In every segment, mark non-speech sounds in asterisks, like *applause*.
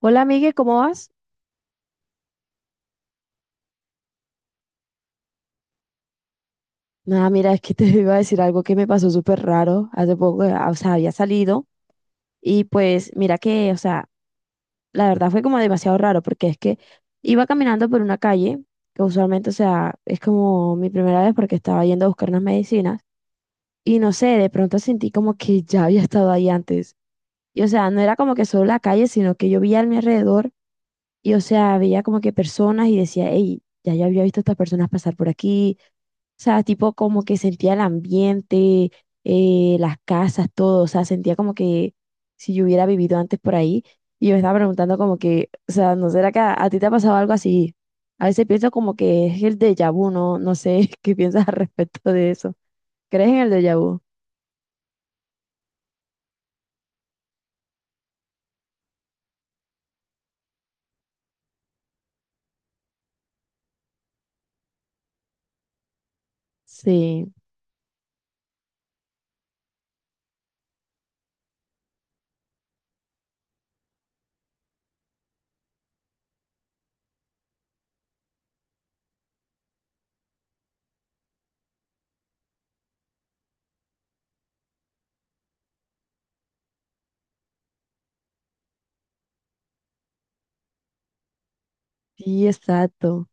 Hola, Migue, ¿cómo vas? Nada, mira, es que te *laughs* iba a decir algo que me pasó súper raro hace poco, o sea, había salido y pues mira que, o sea, la verdad fue como demasiado raro porque es que iba caminando por una calle, que usualmente, o sea, es como mi primera vez porque estaba yendo a buscar unas medicinas y no sé, de pronto sentí como que *laughs* ya había estado ahí antes. Y o sea, no era como que solo la calle, sino que yo veía a mi alrededor y o sea, veía como que personas y decía, hey, ya yo había visto a estas personas pasar por aquí. O sea, tipo como que sentía el ambiente, las casas, todo. O sea, sentía como que si yo hubiera vivido antes por ahí. Y yo me estaba preguntando como que, o sea, ¿no será que a ti te ha pasado algo así? A veces pienso como que es el déjà vu, ¿no? No sé *laughs* qué piensas al respecto de eso. ¿Crees en el déjà vu? Sí, sí, exacto.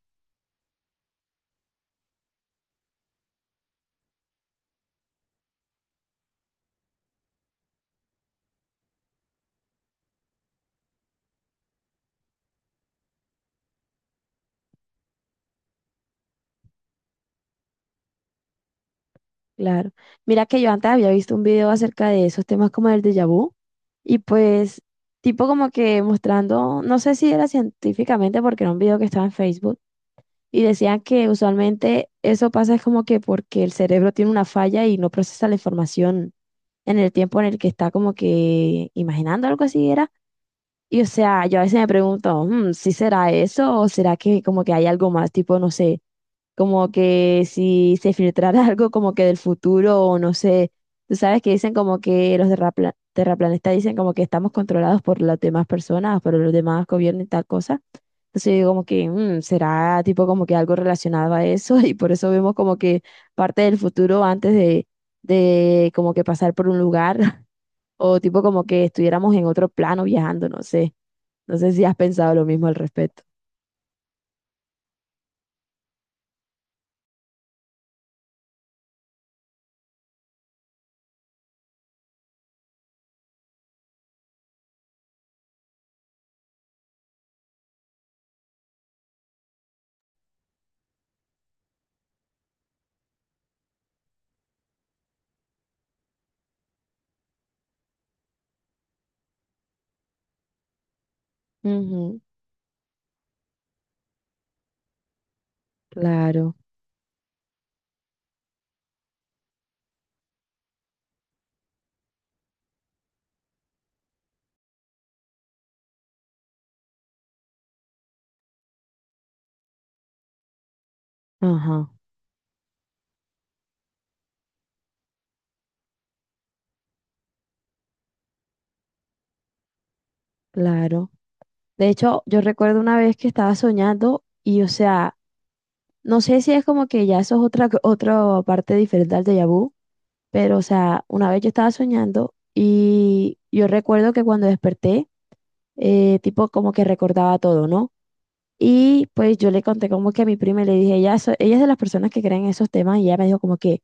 Claro. Mira que yo antes había visto un video acerca de esos temas como el déjà vu y pues tipo como que mostrando, no sé si era científicamente porque era un video que estaba en Facebook y decían que usualmente eso pasa es como que porque el cerebro tiene una falla y no procesa la información en el tiempo en el que está como que imaginando algo así era. Y o sea, yo a veces me pregunto, "Mm, ¿si será eso o será que como que hay algo más? Tipo, no sé como que si se filtrara *laughs* algo como que del futuro o no sé, tú sabes que dicen como que los terraplanistas dicen como que estamos controlados por las demás personas, por los demás gobiernos y tal cosa. Entonces yo digo como que será tipo como que algo relacionado a eso *laughs* y por eso vemos como que parte del futuro antes de como que pasar por un lugar *laughs* o tipo como que estuviéramos en otro plano viajando, no sé. No sé si has pensado lo mismo al respecto. Ujú, claro. Ajá. Claro. De hecho, yo recuerdo una vez que estaba soñando y, o sea, no sé si es como que ya eso es otra parte diferente al déjà vu, pero, o sea, una vez yo estaba soñando y yo recuerdo que cuando desperté, tipo como que recordaba todo, ¿no? Y pues yo le conté como que a mi prima y le dije, ella es de las personas que creen en esos temas y ella me dijo como que...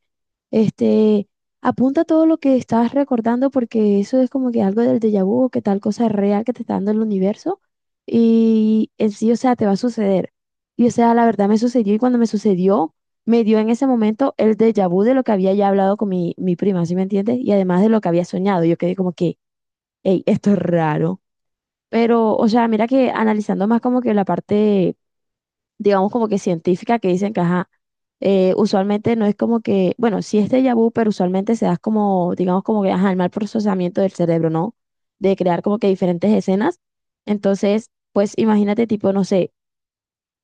Este, apunta todo lo que estás recordando porque eso es como que algo del déjà vu o que tal cosa es real que te está dando el universo y en sí, o sea, te va a suceder. Y o sea, la verdad me sucedió y cuando me sucedió, me dio en ese momento el déjà vu de lo que había ya hablado con mi prima, ¿sí me entiendes? Y además de lo que había soñado, yo quedé como que, hey, esto es raro. Pero, o sea, mira que analizando más como que la parte digamos como que científica, que dicen que, ajá, usualmente no es como que, bueno, sí es déjà vu, pero usualmente se da como, digamos como que, ajá, el mal procesamiento del cerebro, ¿no? De crear como que diferentes escenas. Entonces, pues imagínate tipo, no sé,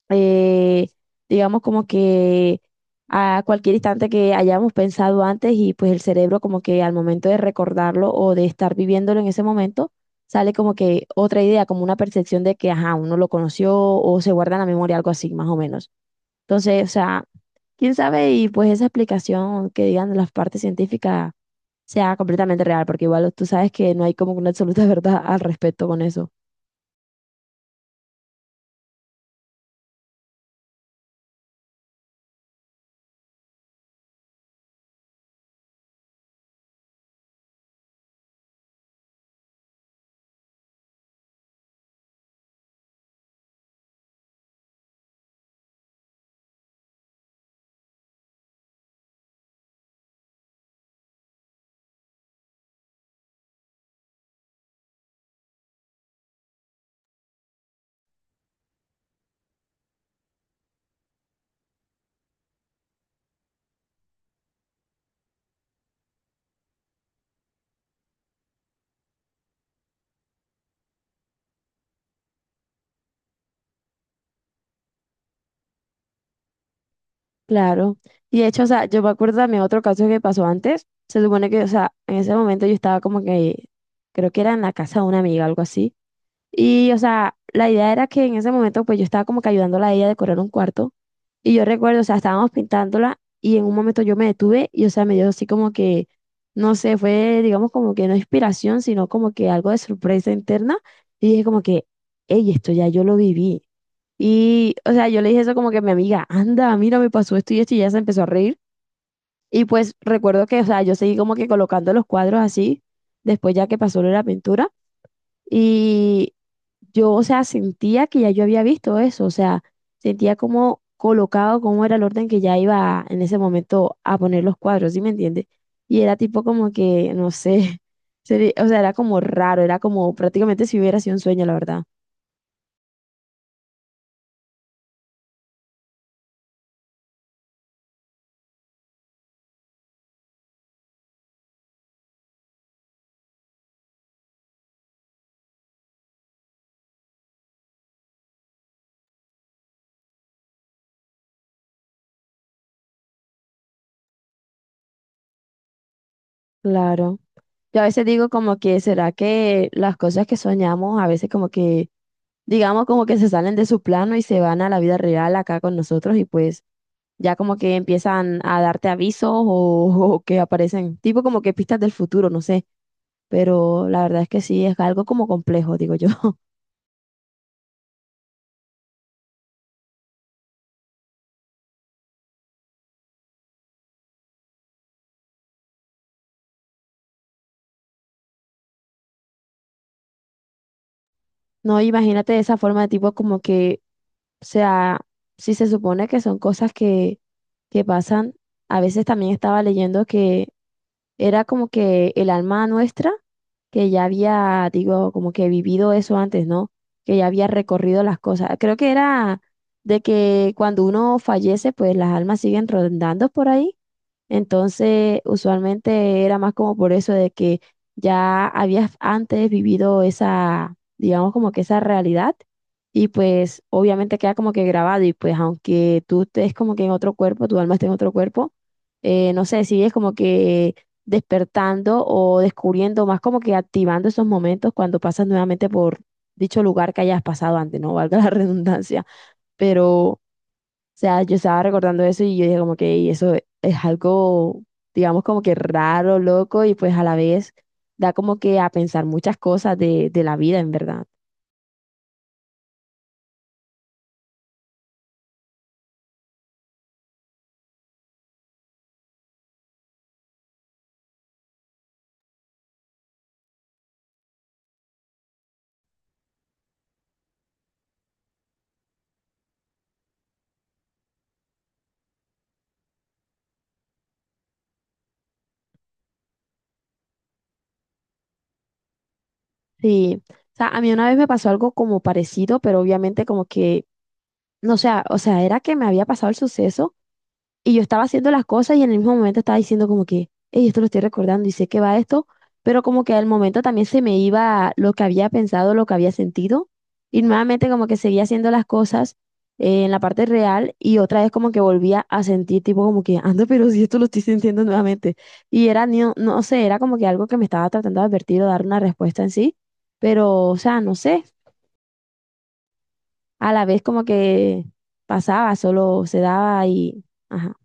eh, digamos como que a cualquier instante que hayamos pensado antes y pues el cerebro como que al momento de recordarlo o de estar viviéndolo en ese momento, sale como que otra idea, como una percepción de que, ajá, uno lo conoció o se guarda en la memoria, algo así, más o menos. Entonces, o sea, quién sabe y pues esa explicación que digan de las partes científicas sea completamente real, porque igual tú sabes que no hay como una absoluta *laughs* verdad al respecto con eso. Claro. Y de hecho, o sea, yo me acuerdo también otro caso que pasó antes. Se supone que, o sea, en ese momento yo estaba como que, creo que era en la casa de una amiga, algo así. Y, o sea, la idea era que en ese momento, pues yo estaba como que ayudándola a ella a decorar un cuarto. Y yo recuerdo, o sea, estábamos pintándola y en un momento yo me detuve y, o sea, me dio así como que, no sé, fue, digamos, como que no inspiración, sino como que algo de sorpresa interna. Y dije como que, hey, esto ya yo lo viví. Y, o sea, yo le dije eso como que a mi amiga, anda, mira, me pasó esto y esto y ella se empezó a reír. Y pues recuerdo que, o sea, yo seguí como que colocando los cuadros así, después ya que pasó lo de la pintura. Y yo, o sea, sentía que ya yo había visto eso, o sea, sentía como colocado cómo era el orden que ya iba en ese momento a poner los cuadros, ¿sí me entiendes? Y era tipo como que, no sé, *laughs* o sea, era como raro, era como prácticamente si hubiera sido un sueño, la verdad. Claro. Yo a veces digo como que, ¿será que las cosas que soñamos a veces como que, digamos como que se salen de su plano y se van a la vida real acá con nosotros y pues ya como que empiezan a darte avisos o, *laughs* o que aparecen, tipo como que pistas del futuro, no sé, pero la verdad es que sí, es algo como complejo, digo yo. *laughs* No, imagínate esa forma de tipo como que, o sea, si se supone que son cosas que pasan, a veces también estaba leyendo que era como que el alma nuestra, que ya había, digo, como que vivido eso antes, ¿no? Que ya había recorrido las cosas. Creo que era de que cuando uno fallece, pues las almas siguen rondando por ahí entonces, usualmente era más como por eso de que ya habías antes vivido esa, digamos como que esa realidad y pues obviamente queda como que grabado y pues aunque tú estés como que en otro cuerpo, tu alma esté en otro cuerpo, no sé, sigues como que despertando o descubriendo, más como que activando esos momentos cuando pasas nuevamente por dicho lugar que hayas pasado antes, ¿no? Valga la *laughs* redundancia, pero sea, yo estaba recordando eso y yo dije como que "Ey, eso es algo, digamos, como que raro, loco, y pues a la vez da como que a pensar muchas cosas de, la vida, en verdad. Sí, o sea, a mí una vez me pasó algo como parecido, pero obviamente como que, no sé, o sea, era que me había pasado el suceso. Y yo estaba haciendo las cosas y en el mismo momento estaba diciendo como que, hey, esto lo estoy recordando y sé que va esto, pero como que al momento también se me iba lo que había pensado, lo que había sentido, y nuevamente como que seguía haciendo las cosas en la parte real y otra vez como que volvía a sentir tipo como que, anda, pero si esto lo estoy sintiendo nuevamente. Y era, no, no sé, era como que algo que me estaba tratando de advertir o dar una respuesta en sí, pero, o sea, no sé, a la vez como que pasaba, solo se daba y, ajá,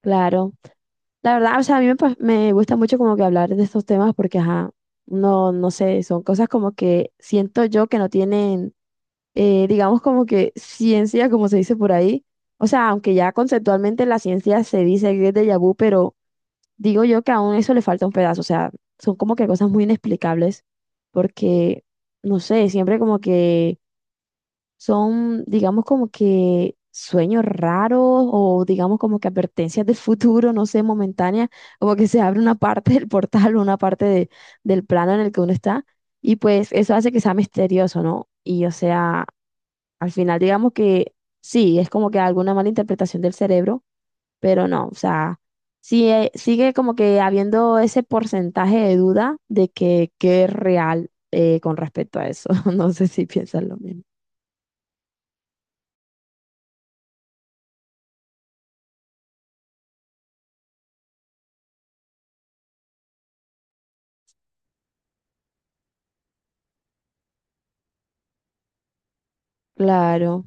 claro. La verdad, o sea, a mí me gusta mucho como que hablar de estos temas porque, ajá, no, no sé, son cosas como que siento yo que no tienen, digamos como que ciencia, como se dice por ahí. O sea, aunque ya conceptualmente la ciencia se dice que es déjà vu, pero digo yo que aún eso le falta un pedazo. O sea, son como que cosas muy inexplicables porque, no sé, siempre como que son, digamos, como que sueños raros o digamos como que advertencias del futuro, no sé, momentáneas, como que se abre una parte del portal *laughs* o una parte del plano en el que uno está y pues eso hace que sea misterioso, ¿no? Y o sea, al final digamos que sí, es como que alguna mala interpretación del cerebro, pero no, o sea, sigue, sigue como que habiendo ese porcentaje de duda de que es real con respecto a eso. *laughs* No sé si piensan lo mismo. Claro.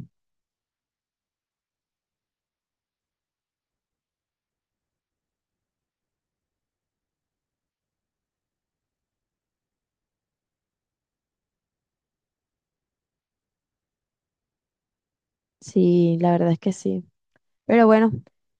Sí, la verdad es que sí. Pero bueno,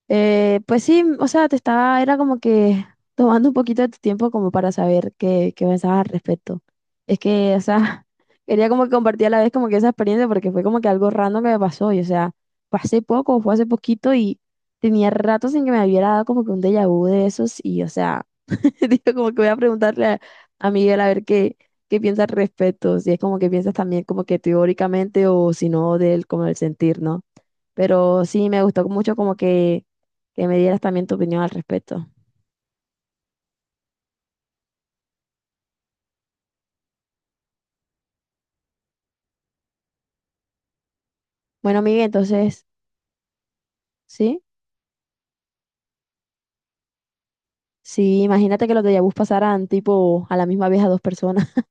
pues sí, o sea, era como que tomando un poquito de tu tiempo como para saber qué pensabas al respecto. Es que, o sea, *laughs* quería como que compartir a la vez como que esa experiencia porque fue como que algo random que me pasó y, o sea, fue hace poco, fue hace poquito y tenía rato sin que me hubiera dado como que un déjà vu de esos y, o sea, *laughs* digo como que voy a preguntarle a, Miguel a ver qué piensa al respecto, si es como que piensas también como que teóricamente o si no del, como el sentir, ¿no? Pero sí, me gustó mucho como que me dieras también tu opinión al respecto. Bueno, Miguel, entonces, ¿sí? Sí, imagínate que los déjà vus pasaran tipo a la misma vez a dos personas *laughs*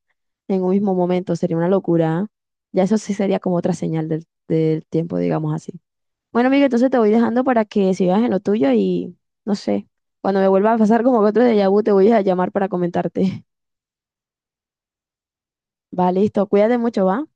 en un mismo momento, sería una locura. ¿Eh? Ya eso sí sería como otra señal del, tiempo, digamos así. Bueno, Miguel, entonces te voy dejando para que sigas en lo tuyo y no sé, cuando me vuelva a pasar como que otro déjà vu te voy a llamar para comentarte. *laughs* Va, listo, cuídate mucho, ¿va?